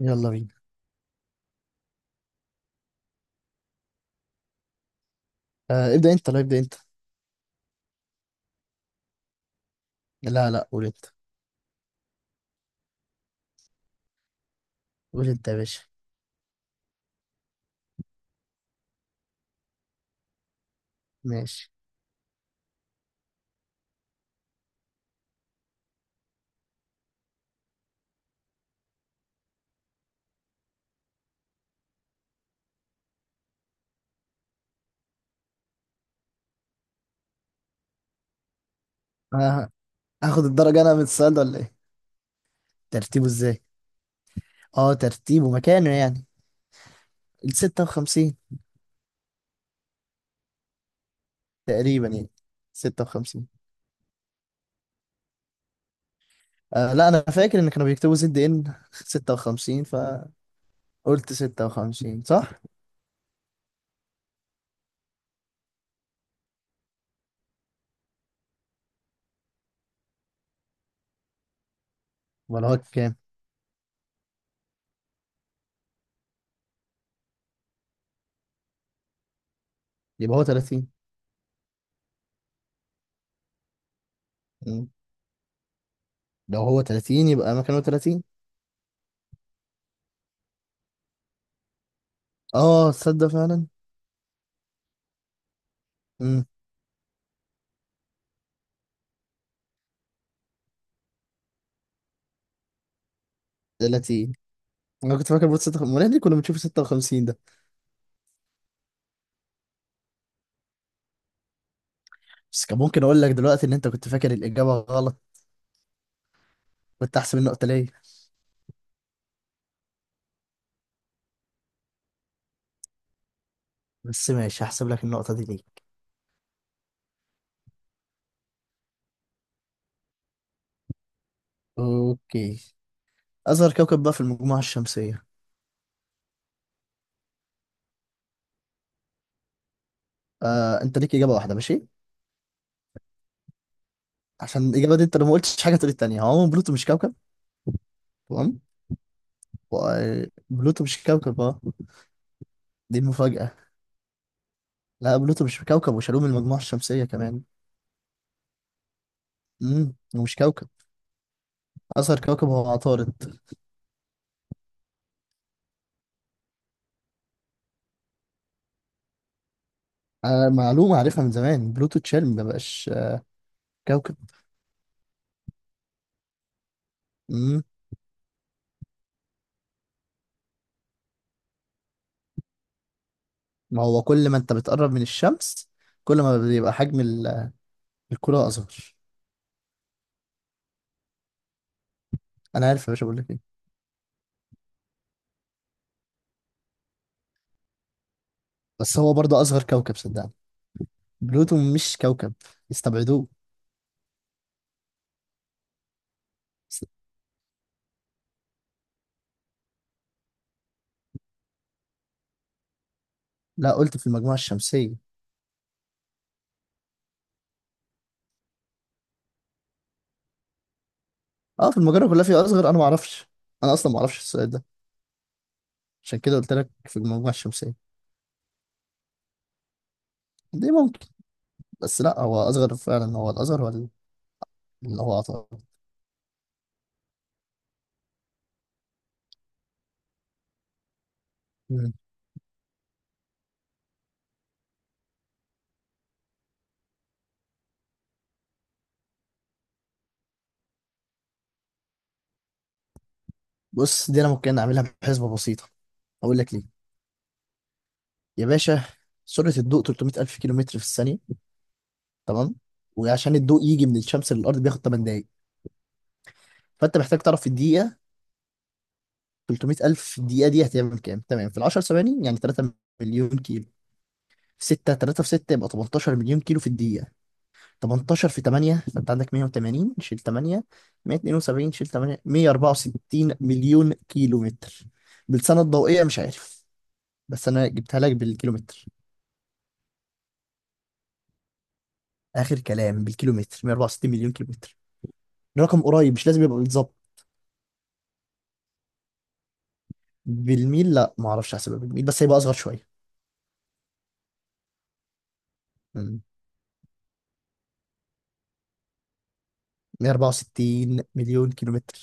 يلا بينا. ابدأ انت. لا، ابدأ انت. لا، لا، قول انت. قول انت يا باشا. ماشي. آه هاخد الدرجة انا من السؤال ده ولا ايه؟ ترتيبه ازاي؟ اه، مكانه يعني. ال 56 تقريبا، يعني 56. آه، لا انا فاكر ان كانوا بيكتبوا زد ان 56، فقلت 56 صح. ولا هو كام؟ يبقى هو 30. مم. لو هو 30 يبقى مكانه 30. اه، تصدق فعلا. امم 30. انا كنت فاكر بوت 56، امال إحنا ليه كنا بنشوف 56 ده؟ بس كان ممكن اقول لك دلوقتي ان انت كنت فاكر الاجابه غلط. كنت احسب النقطه ليا. بس ماشي، هحسب لك النقطه دي ليك. اوكي. اصغر كوكب بقى في المجموعه الشمسيه. آه، انت ليك اجابه واحده، ماشي. عشان الاجابه دي انت لو ما قلتش حاجه تقول التانيه. هو عموما بلوتو مش كوكب. تمام. بلوتو مش كوكب، اه. دي المفاجاه. لا، بلوتو مش كوكب وشالوه من المجموعه الشمسيه كمان. ومش كوكب. اصغر كوكب هو عطارد. آه، معلومه عارفها من زمان، بلوتو اتشال، ما بقاش كوكب. ما هو كل ما انت بتقرب من الشمس كل ما بيبقى حجم الكرة اصغر. انا عارف يا باشا، بقول لك ايه. بس هو برضه اصغر كوكب، صدقني. بلوتو مش كوكب، استبعدوه. س- لا، قلت في المجموعة الشمسية. اه، في المجرة كلها في اصغر، انا ما اعرفش. انا اصلا ما اعرفش السؤال ده. عشان كده قلت لك في المجموعة الشمسية. دي ممكن. بس لا، هو اصغر فعلا، هو الاصغر، هو اللي هو عطارد. مم. بص، دي انا ممكن اعملها بحسبة بسيطة. اقول لك ليه يا باشا. سرعة الضوء 300 ألف كيلومتر في الثانية. تمام. وعشان الضوء يجي من الشمس للارض بياخد 8 دقايق. فانت محتاج تعرف في الدقيقه، 300 الف دقيقه دي هتعمل كام. تمام، في ال 10 ثواني يعني 3 مليون كيلو. في 6، 3 في 6 يبقى 18 مليون كيلو في الدقيقه. 18 في 8، فانت عندك 180، شيل 8، 172، شيل 8، 164 مليون كيلو متر. بالسنه الضوئيه مش عارف، بس انا جبتها لك بالكيلومتر. اخر كلام بالكيلومتر 164 مليون كيلو متر. رقم قريب، مش لازم يبقى بالظبط. بالميل، لا ما اعرفش احسبها بالميل، بس هيبقى اصغر شويه. مم. 164 مليون كيلومتر.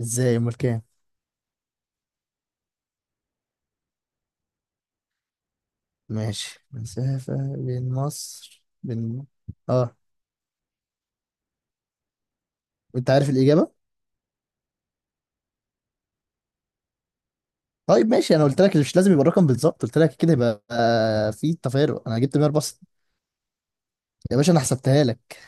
ازاي؟ امال كام؟ ماشي، مسافة بين مصر بين. اه، انت عارف الإجابة. طيب ماشي، انا قلت لك مش لازم يبقى الرقم بالظبط، قلت لك كده، يبقى في تفارق، انا جبت 164. يا باشا انا حسبتها لك.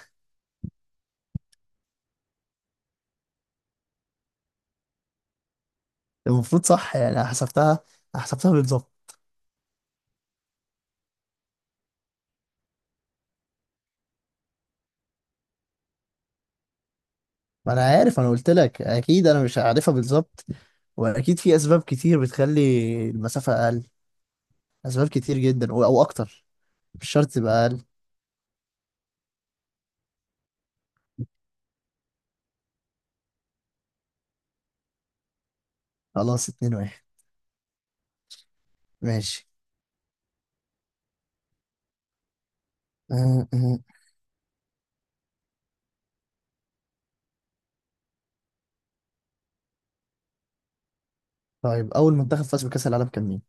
المفروض صح، يعني أنا حسبتها، حسبتها بالظبط. ما انا عارف، انا قلت لك اكيد انا مش عارفها بالظبط. واكيد في اسباب كتير بتخلي المسافة اقل. اسباب كتير جدا، او اكتر، مش شرط تبقى اقل. خلاص، 2-1. ماشي. طيب، اول منتخب فاز بكاس العالم كان مين؟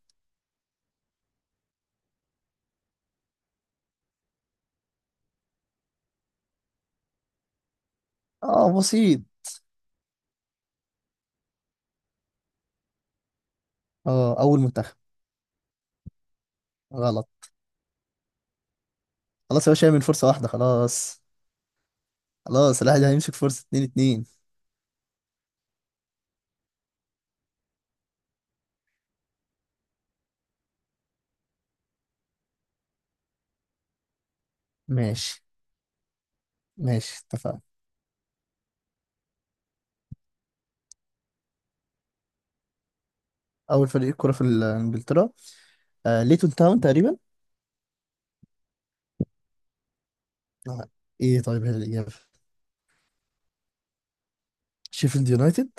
اه بسيط. اه، اول منتخب. غلط. خلاص يا باشا، من فرصه واحده خلاص. خلاص، الواحد هيمسك فرصه اتنين اتنين. ماشي، ماشي، اتفقنا. اول فريق كرة في انجلترا. آه، ليتون تاون تقريبا. آه. ايه طيب هي الاجابه؟ شيفيلد يونايتد.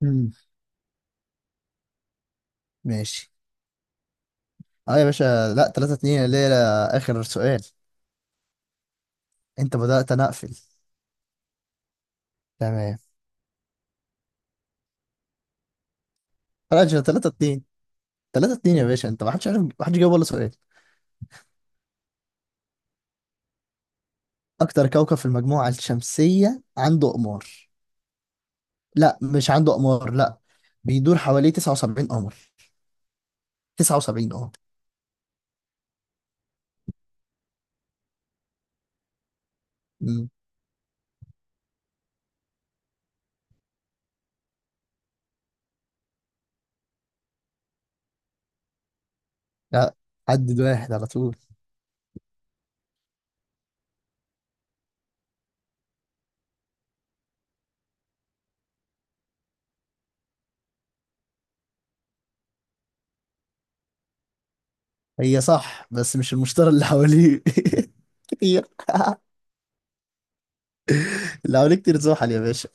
مم. ماشي. اه يا باشا لا، 3-2 اللي هي اخر سؤال. انت بدأت، انا اقفل. تمام. راجع، 3-2، 3-2 يا باشا. انت ما حدش عارف، ما حدش جاوب ولا سؤال. أكتر كوكب في المجموعة الشمسية عنده أقمار. لا مش عنده أقمار، لا. بيدور حواليه 79 قمر. 79، اه. مم. لا، عدد واحد على طول. هي صح بس مش المشتري اللي حواليه كتير. اللي حواليه كتير زحل يا باشا.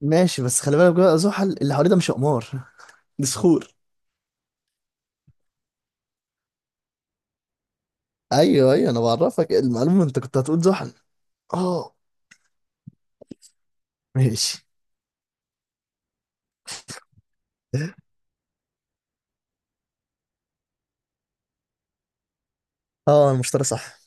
ماشي، بس خلي بالك بقى، زحل اللي حواليه ده مش أقمار، دي صخور. أيوه، أيوه، أنا بعرفك المعلومة، أنت كنت هتقول زحل. اه. ماشي. اه، المشتري صح.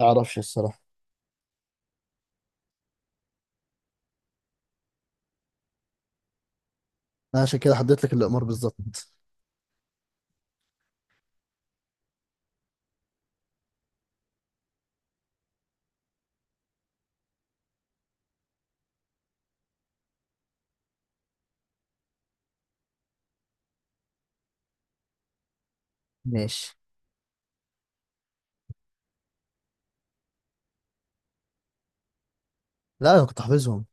معرفش الصراحة. أنا عشان كده حددت لك الأقمار بالظبط. ماشي. لا انا كنت حافظهم،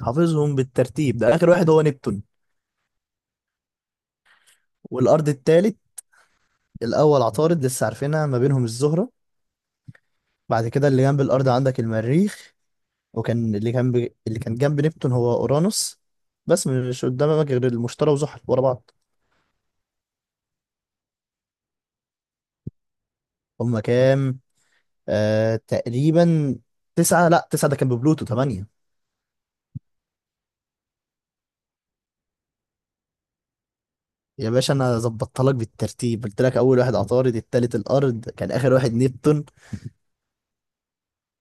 حافظهم بالترتيب. ده اخر واحد هو نبتون. والارض التالت. الاول عطارد لسه عارفينها، ما بينهم الزهره. بعد كده اللي جنب الارض عندك المريخ. وكان اللي كان ب... اللي كان جنب نبتون هو اورانوس. بس مش قدامك غير المشتري وزحل ورا بعض. هما كام؟ تقريبا، تسعة، لا تسعة ده كان ببلوتو، تمانية. يا باشا انا ظبطت لك بالترتيب، قلت لك اول واحد عطارد، التالت الارض، كان اخر واحد نبتون.